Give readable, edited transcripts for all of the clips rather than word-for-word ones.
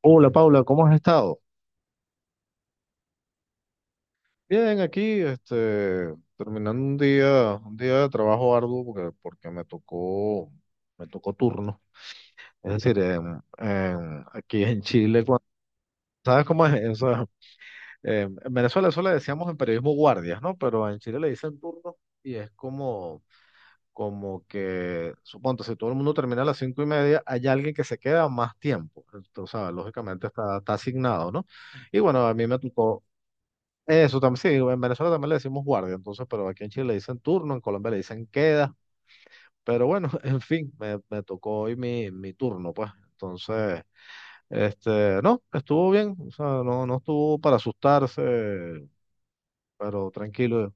Hola Paula, ¿cómo has estado? Bien, aquí, terminando un día de trabajo arduo porque me tocó turno. Es decir, aquí en Chile, ¿sabes cómo es eso? En Venezuela eso le decíamos en periodismo guardias, ¿no? Pero en Chile le dicen turno y es como, que, suponte, si todo el mundo termina a las 5:30, hay alguien que se queda más tiempo. Entonces, o sea, lógicamente está asignado, ¿no? Y bueno, a mí me tocó. Eso también, sí, en Venezuela también le decimos guardia, entonces, pero aquí en Chile le dicen turno, en Colombia le dicen queda, pero bueno, en fin, me tocó hoy mi turno, pues. Entonces, no, estuvo bien, o sea, no, no estuvo para asustarse, pero tranquilo.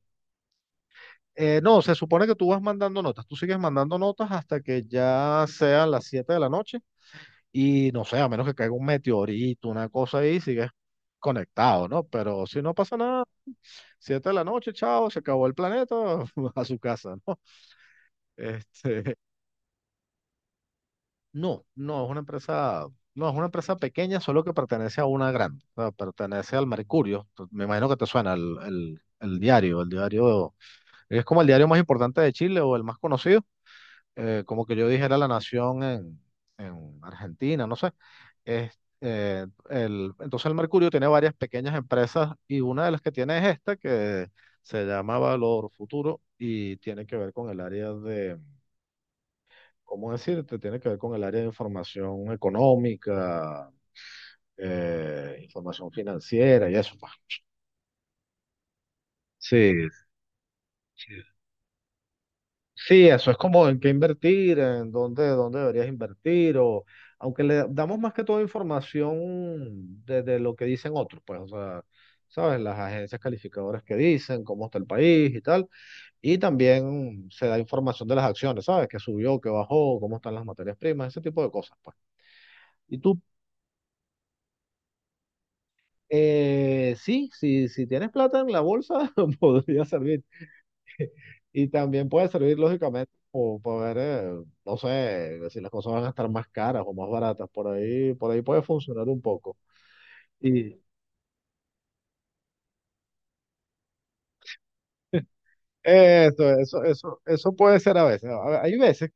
No, se supone que tú vas mandando notas, tú sigues mandando notas hasta que ya sean las 7 de la noche. Y no sé, a menos que caiga un meteorito, una cosa ahí, sigues conectado, ¿no? Pero si no pasa nada, 7 de la noche, chao, se acabó el planeta, a su casa, ¿no? Este, no, no, es una empresa, no, es una empresa pequeña, solo que pertenece a una grande, o sea, pertenece al Mercurio. Me imagino que te suena el diario, es como el diario más importante de Chile o el más conocido. Como que yo dijera la nación en, Argentina, no sé. Entonces el Mercurio tiene varias pequeñas empresas y una de las que tiene es esta que se llama Valor Futuro y tiene que ver con el área de, ¿cómo decirte? Tiene que ver con el área de información económica, información financiera y eso, pues. Sí, sí, eso es como en qué invertir, en dónde, dónde deberías invertir, o aunque le damos más que toda información de lo que dicen otros, pues, o sea, sabes, las agencias calificadoras que dicen, cómo está el país y tal, y también se da información de las acciones, sabes, que subió, que bajó, cómo están las materias primas, ese tipo de cosas, pues. Y tú, sí, si tienes plata en la bolsa, podría servir. Y también puede servir, lógicamente, como para ver, no sé, si las cosas van a estar más caras o más baratas. Por ahí puede funcionar un poco. Y eso puede ser a veces. A- Hay veces,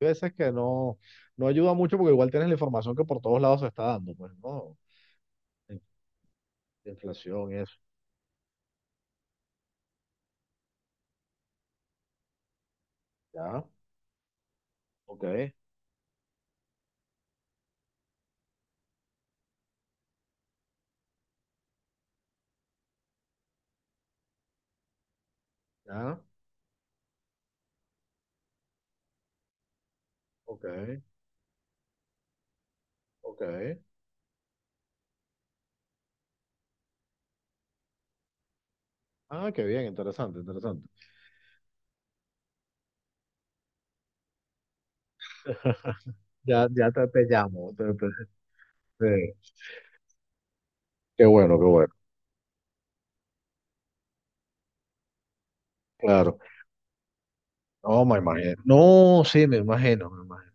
hay veces que no, no ayuda mucho porque igual tienes la información que por todos lados se está dando, pues, ¿no? In- Inflación y eso. Ya, ok, ya, ok, ok. Ah, qué bien, interesante, interesante. Ya, ya te llamo. Te- Qué bueno, qué bueno. Claro. No, me imagino. No, sí, me imagino, me imagino.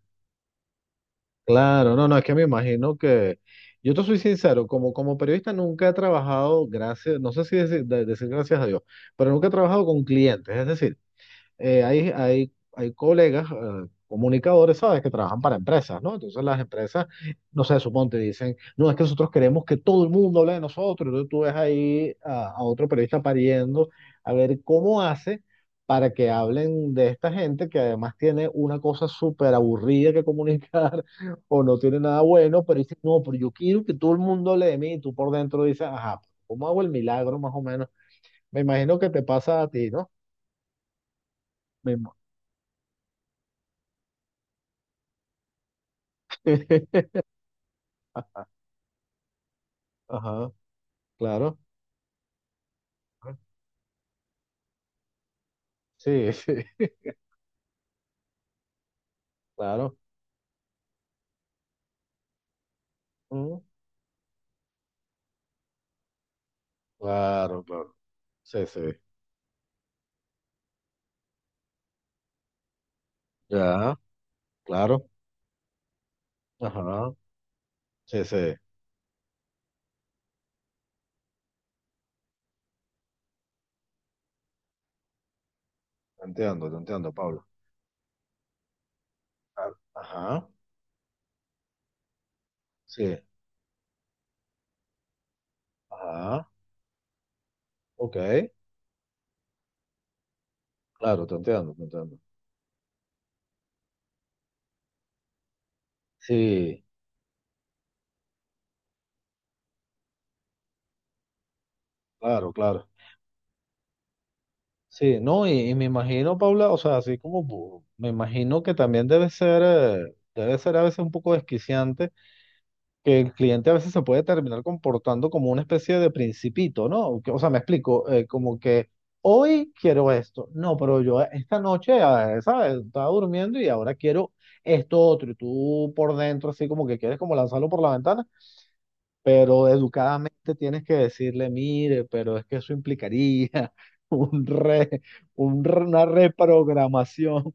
Claro, no, no, es que me imagino que. Yo te soy sincero, como, periodista nunca he trabajado, gracias, no sé si decir, decir gracias a Dios, pero nunca he trabajado con clientes. Es decir, hay colegas, comunicadores, ¿sabes?, que trabajan para empresas, ¿no? Entonces las empresas, no sé, suponte, dicen, no, es que nosotros queremos que todo el mundo hable de nosotros. Entonces tú ves ahí a otro periodista pariendo a ver cómo hace para que hablen de esta gente que además tiene una cosa súper aburrida que comunicar o no tiene nada bueno, pero dice no, pero yo quiero que todo el mundo hable de mí y tú por dentro dices, ajá, ¿cómo hago el milagro más o menos? Me imagino que te pasa a ti, ¿no? Me im- Ajá, claro. Sí, sí, claro. Mm, claro, claro. Sí, sí. Ya, claro. Ajá. Sí, sí. Te entiendo, Pablo. Claro. Ajá. Sí. Ajá. Ok. Claro, te entiendo, te entiendo. Sí, claro, claro. Sí, no, y me imagino, Paula, o sea, así como me imagino que también debe ser a veces un poco desquiciante, que el cliente a veces se puede terminar comportando como una especie de principito, ¿no? O sea, me explico, como que hoy quiero esto, no, pero yo esta noche, ¿sabes? Estaba durmiendo y ahora quiero esto otro, y tú por dentro así como que quieres como lanzarlo por la ventana, pero educadamente tienes que decirle, mire, pero es que eso implicaría un re, una reprogramación.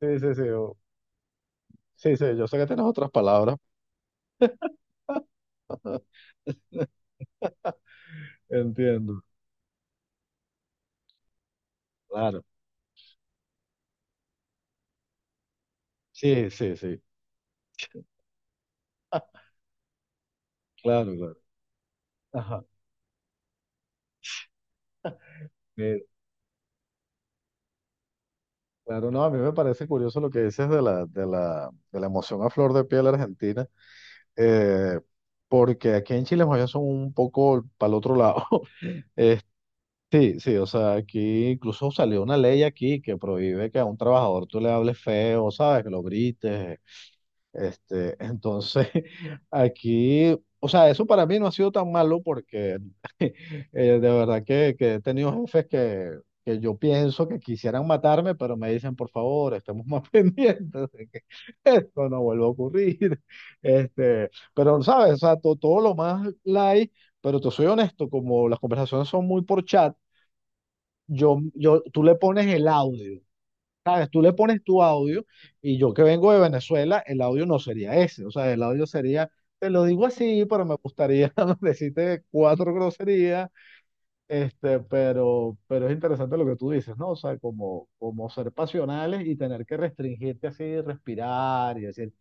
Sí, sí, sí, sí, sí, yo sé que tienes otras palabras, entiendo, claro. Sí, sí, sí. Claro, claro. Ajá. Eh, Claro, no, a mí me parece curioso lo que dices de la emoción a flor de piel argentina, eh, porque aquí en Chile más bien son un poco para el otro lado. Eh, sí, sí, o sea, aquí incluso salió una ley aquí que prohíbe que a un trabajador tú le hables feo, ¿sabes? Que lo grites. Entonces, aquí, o sea, eso para mí no ha sido tan malo porque de verdad que he tenido jefes que yo pienso que quisieran matarme, pero me dicen, por favor, estemos más pendientes de que esto no vuelva a ocurrir. Pero, ¿sabes? O sea, todo lo más light, pero te soy honesto, como las conversaciones son muy por chat, yo, tú le pones el audio. ¿Sabes? Tú le pones tu audio y yo que vengo de Venezuela, el audio no sería ese. O sea, el audio sería, te lo digo así, pero me gustaría decirte cuatro groserías. Pero es interesante lo que tú dices, ¿no? O sea, como, ser pasionales y tener que restringirte así, respirar y decir,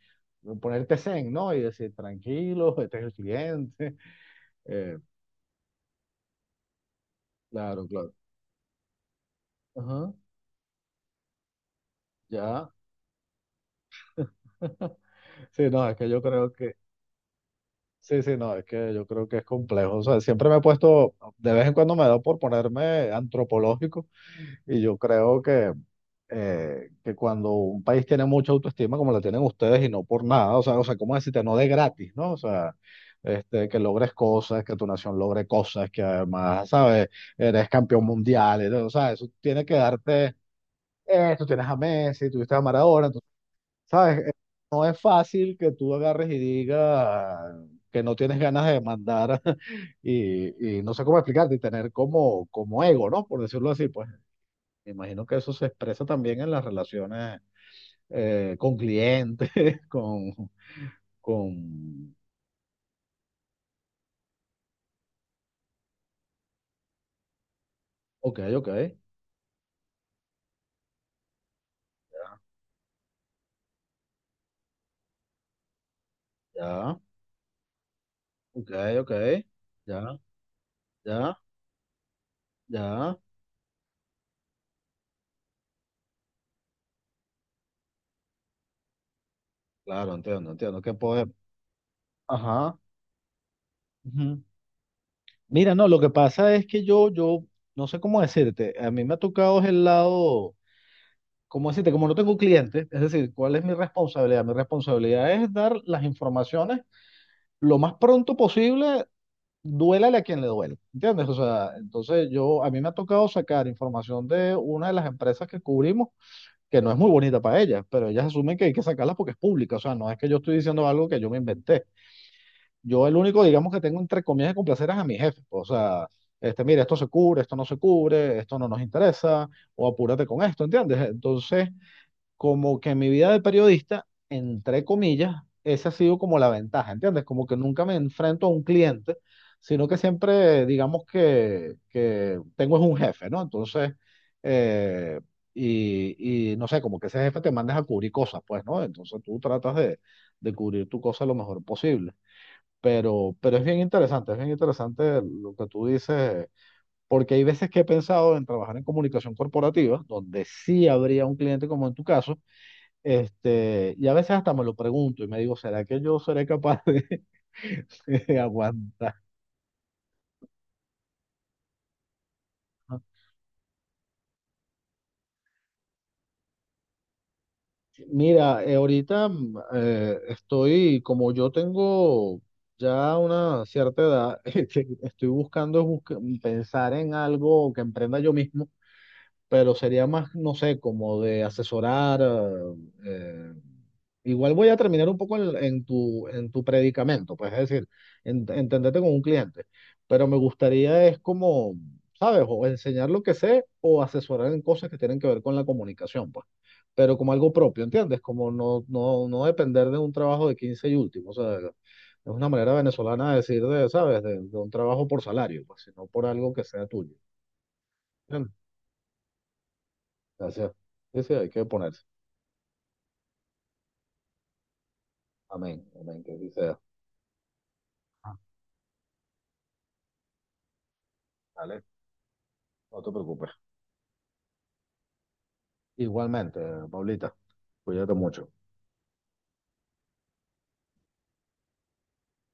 ponerte zen, ¿no? Y decir, tranquilo, este es el siguiente. Eh, claro, claro. Ajá, ya. Sí, no, es que yo creo que sí, sí, no, es que yo creo que es complejo. O sea, siempre me he puesto, de vez en cuando me da por ponerme antropológico y yo creo que cuando un país tiene mucha autoestima como la tienen ustedes y no por nada, o sea, ¿cómo decirte? No de gratis, ¿no? O sea, que logres cosas, que tu nación logre cosas, que además, ¿sabes? Eres campeón mundial, o sea, eso tiene que darte, tú tienes a Messi, tuviste a Maradona. ¿Sabes? No es fácil que tú agarres y digas que no tienes ganas de demandar y, no sé cómo explicarte, y tener como, ego, ¿no? Por decirlo así, pues me imagino que eso se expresa también en las relaciones, con clientes, con, con, ok, ok, ya, ya, ok, ok, ya, ya, ya, claro, entiendo, entiendo, que poder, ajá. Mira, no, lo que pasa es que yo, no sé cómo decirte, a mí me ha tocado es el lado, cómo decirte, como no tengo clientes, es decir, ¿cuál es mi responsabilidad? Mi responsabilidad es dar las informaciones lo más pronto posible, duélale a quien le duele, ¿entiendes? O sea, entonces yo, a mí me ha tocado sacar información de una de las empresas que cubrimos, que no es muy bonita para ellas, pero ellas asumen que hay que sacarla porque es pública, o sea, no es que yo estoy diciendo algo que yo me inventé. Yo el único, digamos, que tengo entre comillas que complacer es a mi jefe, pues, o sea, mira, esto se cubre, esto no se cubre, esto no nos interesa, o apúrate con esto, ¿entiendes? Entonces, como que en mi vida de periodista, entre comillas, esa ha sido como la ventaja, ¿entiendes? Como que nunca me enfrento a un cliente, sino que siempre, digamos, que tengo es un jefe, ¿no? Entonces, eh, y, no sé, como que ese jefe te mandas a cubrir cosas, pues, ¿no? Entonces tú tratas de cubrir tu cosa lo mejor posible. Pero es bien interesante lo que tú dices, porque hay veces que he pensado en trabajar en comunicación corporativa, donde sí habría un cliente como en tu caso. Y a veces hasta me lo pregunto y me digo, ¿será que yo seré capaz de, de aguantar? Mira, ahorita estoy, como yo tengo ya una cierta edad, estoy pensar en algo que emprenda yo mismo, pero sería más, no sé, como de asesorar. eh, Igual voy a terminar un poco en, en tu predicamento, pues es decir, entenderte con un cliente, pero me gustaría es como, ¿sabes? O enseñar lo que sé o asesorar en cosas que tienen que ver con la comunicación, pues, pero como algo propio, ¿entiendes? Como no, no, no depender de un trabajo de 15 y último, o sea, es una manera venezolana de decir, de, ¿sabes? De un trabajo por salario, pues, sino por algo que sea tuyo. Bien, gracias. Sí, sí, hay que ponerse. Amén, amén, que así sea. Ah, dale, no te preocupes. Igualmente, Paulita, cuídate mucho.